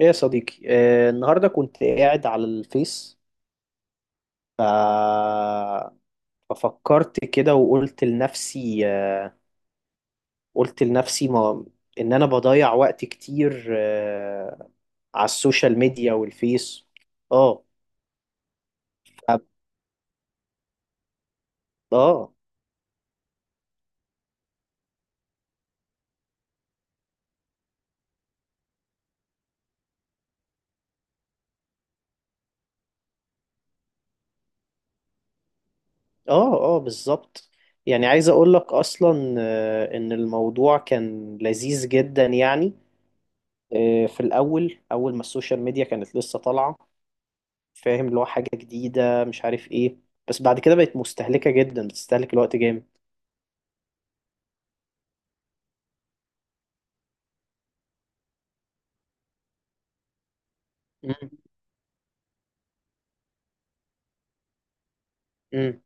ايه يا صديقي النهارده كنت قاعد على الفيس ف... ففكرت كده وقلت لنفسي قلت لنفسي ما... ان انا بضيع وقت كتير على السوشيال ميديا والفيس. اه. ف- اه. اه. اه، بالظبط. يعني عايز اقول لك اصلا ان الموضوع كان لذيذ جدا يعني. في الاول، اول ما السوشيال ميديا كانت لسه طالعة، فاهم، اللي هو حاجة جديدة مش عارف ايه. بس بعد كده بقت مستهلكة جدا، بتستهلك الوقت جامد. مم. مم.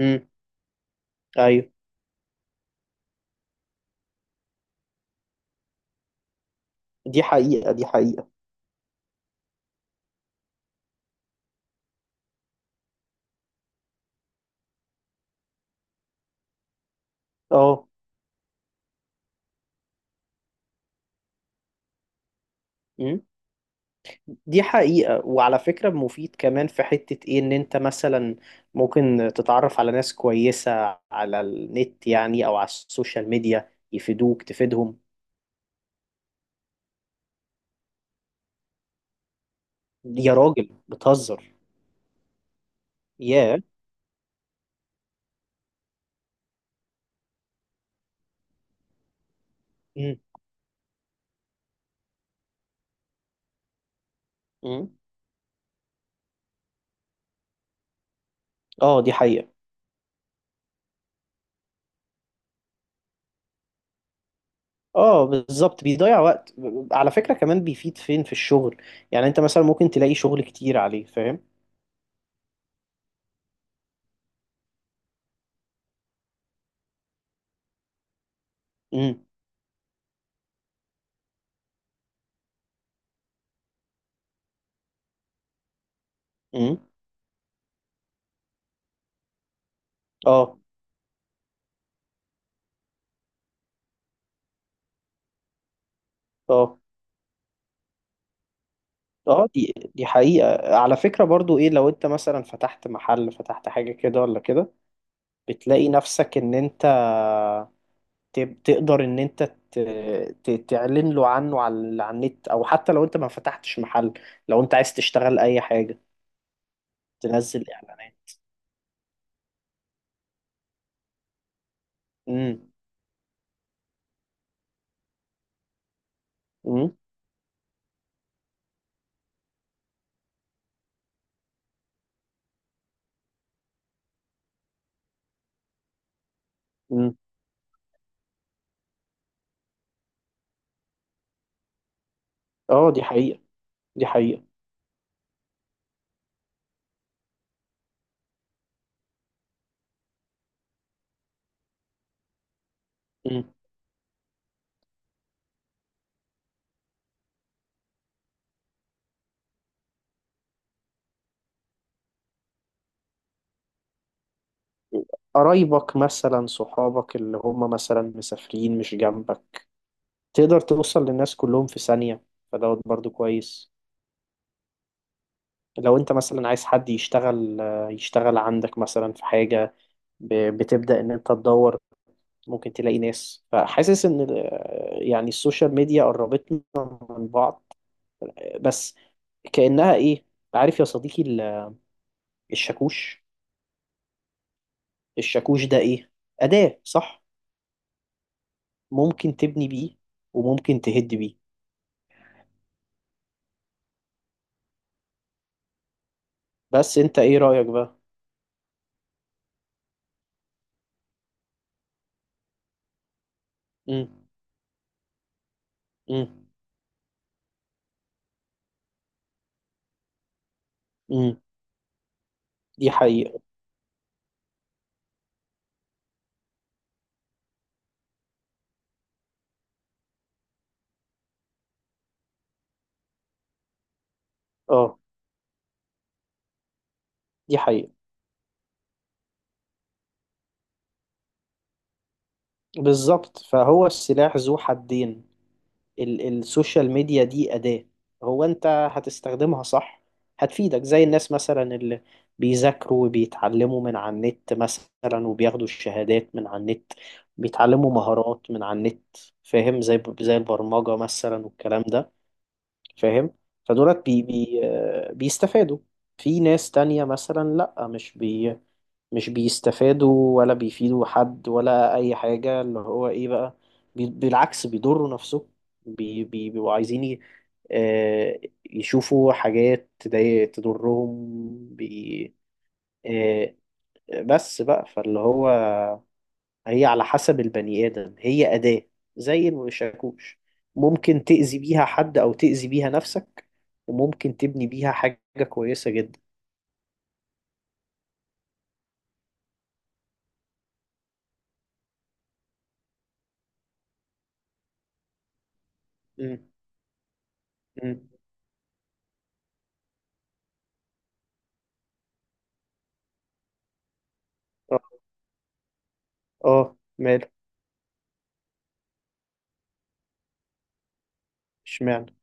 مم. ايوه. دي حقيقة، دي حقيقة. اه. مم. دي حقيقة، وعلى فكرة مفيد كمان في حتة ايه، ان انت مثلا ممكن تتعرف على ناس كويسة على النت، يعني او على السوشيال ميديا، يفيدوك تفيدهم. يا راجل بتهزر. ياه. مم. مم. اه دي حقيقة. اه بالظبط بيضيع وقت. على فكرة كمان بيفيد فين؟ في الشغل. يعني انت مثلا ممكن تلاقي شغل كتير عليه، فاهم. امم. امم. اه. اه. اه دي حقيقة. على فكرة برضو ايه، لو انت مثلا فتحت محل، فتحت حاجة كده ولا كده، بتلاقي نفسك ان انت تقدر ان انت ت- تعلن له عنه على النت. او حتى لو انت ما فتحتش محل، لو انت عايز تشتغل اي حاجة، تنزل اعلانات. امم. امم. امم. اه دي حقيقة، دي حقيقة. مم. قرايبك مثلا، صحابك اللي هم مثلا مسافرين مش جنبك، تقدر توصل للناس كلهم في ثانية. فدوت برضو كويس. لو انت مثلا عايز حد يشتغل يشتغل عندك مثلا في حاجة، بتبدأ ان انت تدور، ممكن تلاقي ناس. فحاسس ان يعني السوشيال ميديا قربتنا من بعض. بس كأنها ايه، عارف يا صديقي، الشاكوش. الشاكوش ده ايه؟ أداة، صح؟ ممكن تبني بيه، وممكن تهد بيه. بس انت ايه رأيك بقى؟ امم. امم. امم. دي حقيقة. اه دي حقيقة. بالظبط، فهو السلاح ذو حدين. السوشيال ميديا دي أداة. هو انت هتستخدمها صح، هتفيدك. زي الناس مثلا اللي بيذاكروا وبيتعلموا من على النت مثلا، وبياخدوا الشهادات من على النت، بيتعلموا مهارات من على النت، فاهم، زي البرمجة مثلا والكلام ده، فاهم. فدولت بي بي آه، بيستفادوا. في ناس تانية مثلا لأ، مش بيستفادوا ولا بيفيدوا حد ولا أي حاجة، اللي هو إيه بقى، بالعكس بيضروا نفسهم، بيبقوا عايزين آه، يشوفوا حاجات تضرهم. بي آه، بس بقى، فاللي هو هي على حسب البني آدم، هي أداة زي الشاكوش. ممكن تأذي بيها حد أو تأذي بيها نفسك، وممكن تبني بيها حاجة كويسة جدا. مم. مم. اه. ماله؟ اشمعنى؟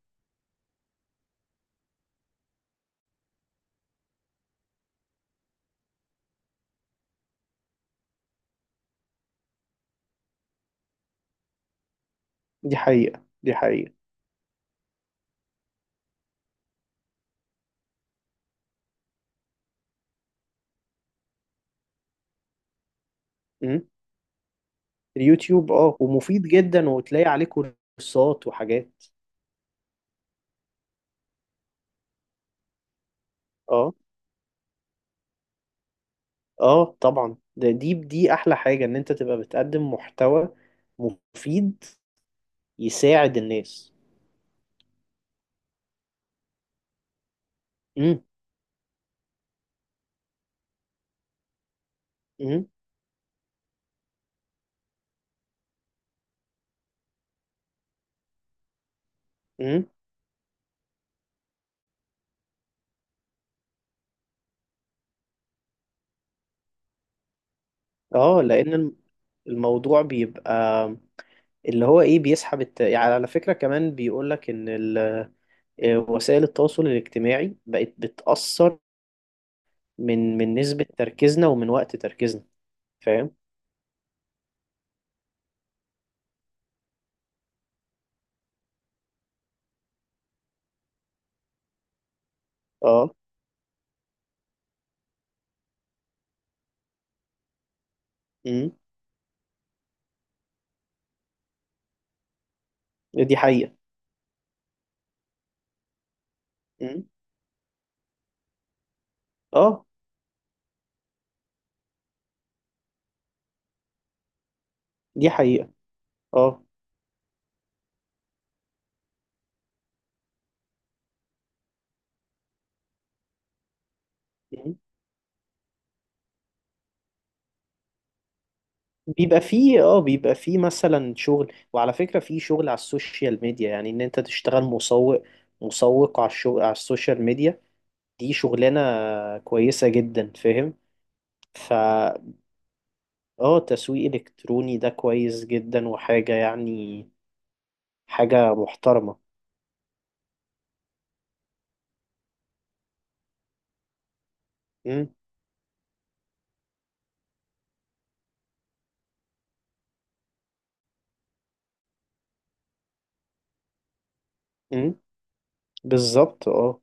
دي حقيقة، دي حقيقة. مم. اليوتيوب اه، ومفيد جدا وتلاقي عليه كورسات وحاجات. اه. اه طبعا، ده دي دي أحلى حاجة، إن أنت تبقى بتقدم محتوى مفيد يساعد الناس. مم. مم. مم. اه، الموضوع بيبقى اللي هو ايه، بيسحب يعني على فكرة كمان بيقولك ان ال... آه، وسائل التواصل الاجتماعي بقت بتأثر من نسبة تركيزنا ومن وقت تركيزنا، فاهم. اه. امم. دي حقيقة. امم. اه دي حقيقة. اه. مم. بيبقى فيه اه، بيبقى فيه مثلا شغل. وعلى فكرة فيه شغل على السوشيال ميديا، يعني ان انت تشتغل مسوق، مسوق على الشغل على السوشيال ميديا. دي شغلانة كويسة جدا، فاهم. ف اه تسويق الكتروني ده كويس جدا وحاجه يعني، حاجه محترمه. امم. امم. بالظبط اه.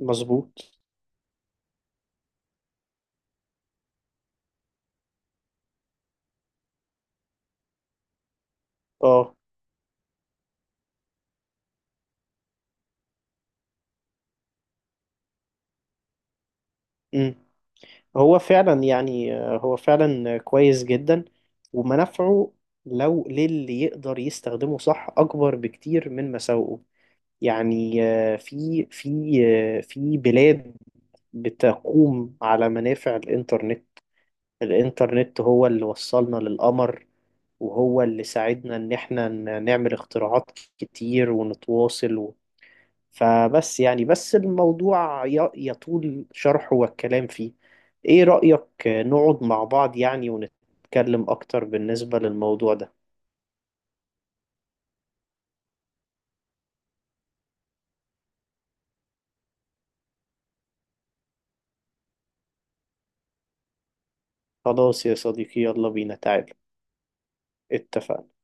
مظبوط. اه. امم. هو فعلا يعني، هو فعلا كويس جدا، ومنافعه لو للي يقدر يستخدمه صح اكبر بكتير من مساوئه. يعني في بلاد بتقوم على منافع الانترنت. الانترنت هو اللي وصلنا للقمر، وهو اللي ساعدنا إن إحنا نعمل اختراعات كتير، ونتواصل فبس يعني، بس الموضوع يطول شرحه والكلام فيه. إيه رأيك نقعد مع بعض يعني ونتكلم أكتر بالنسبة للموضوع ده؟ خلاص يا صديقي، يلا بينا تعال. اتفقنا.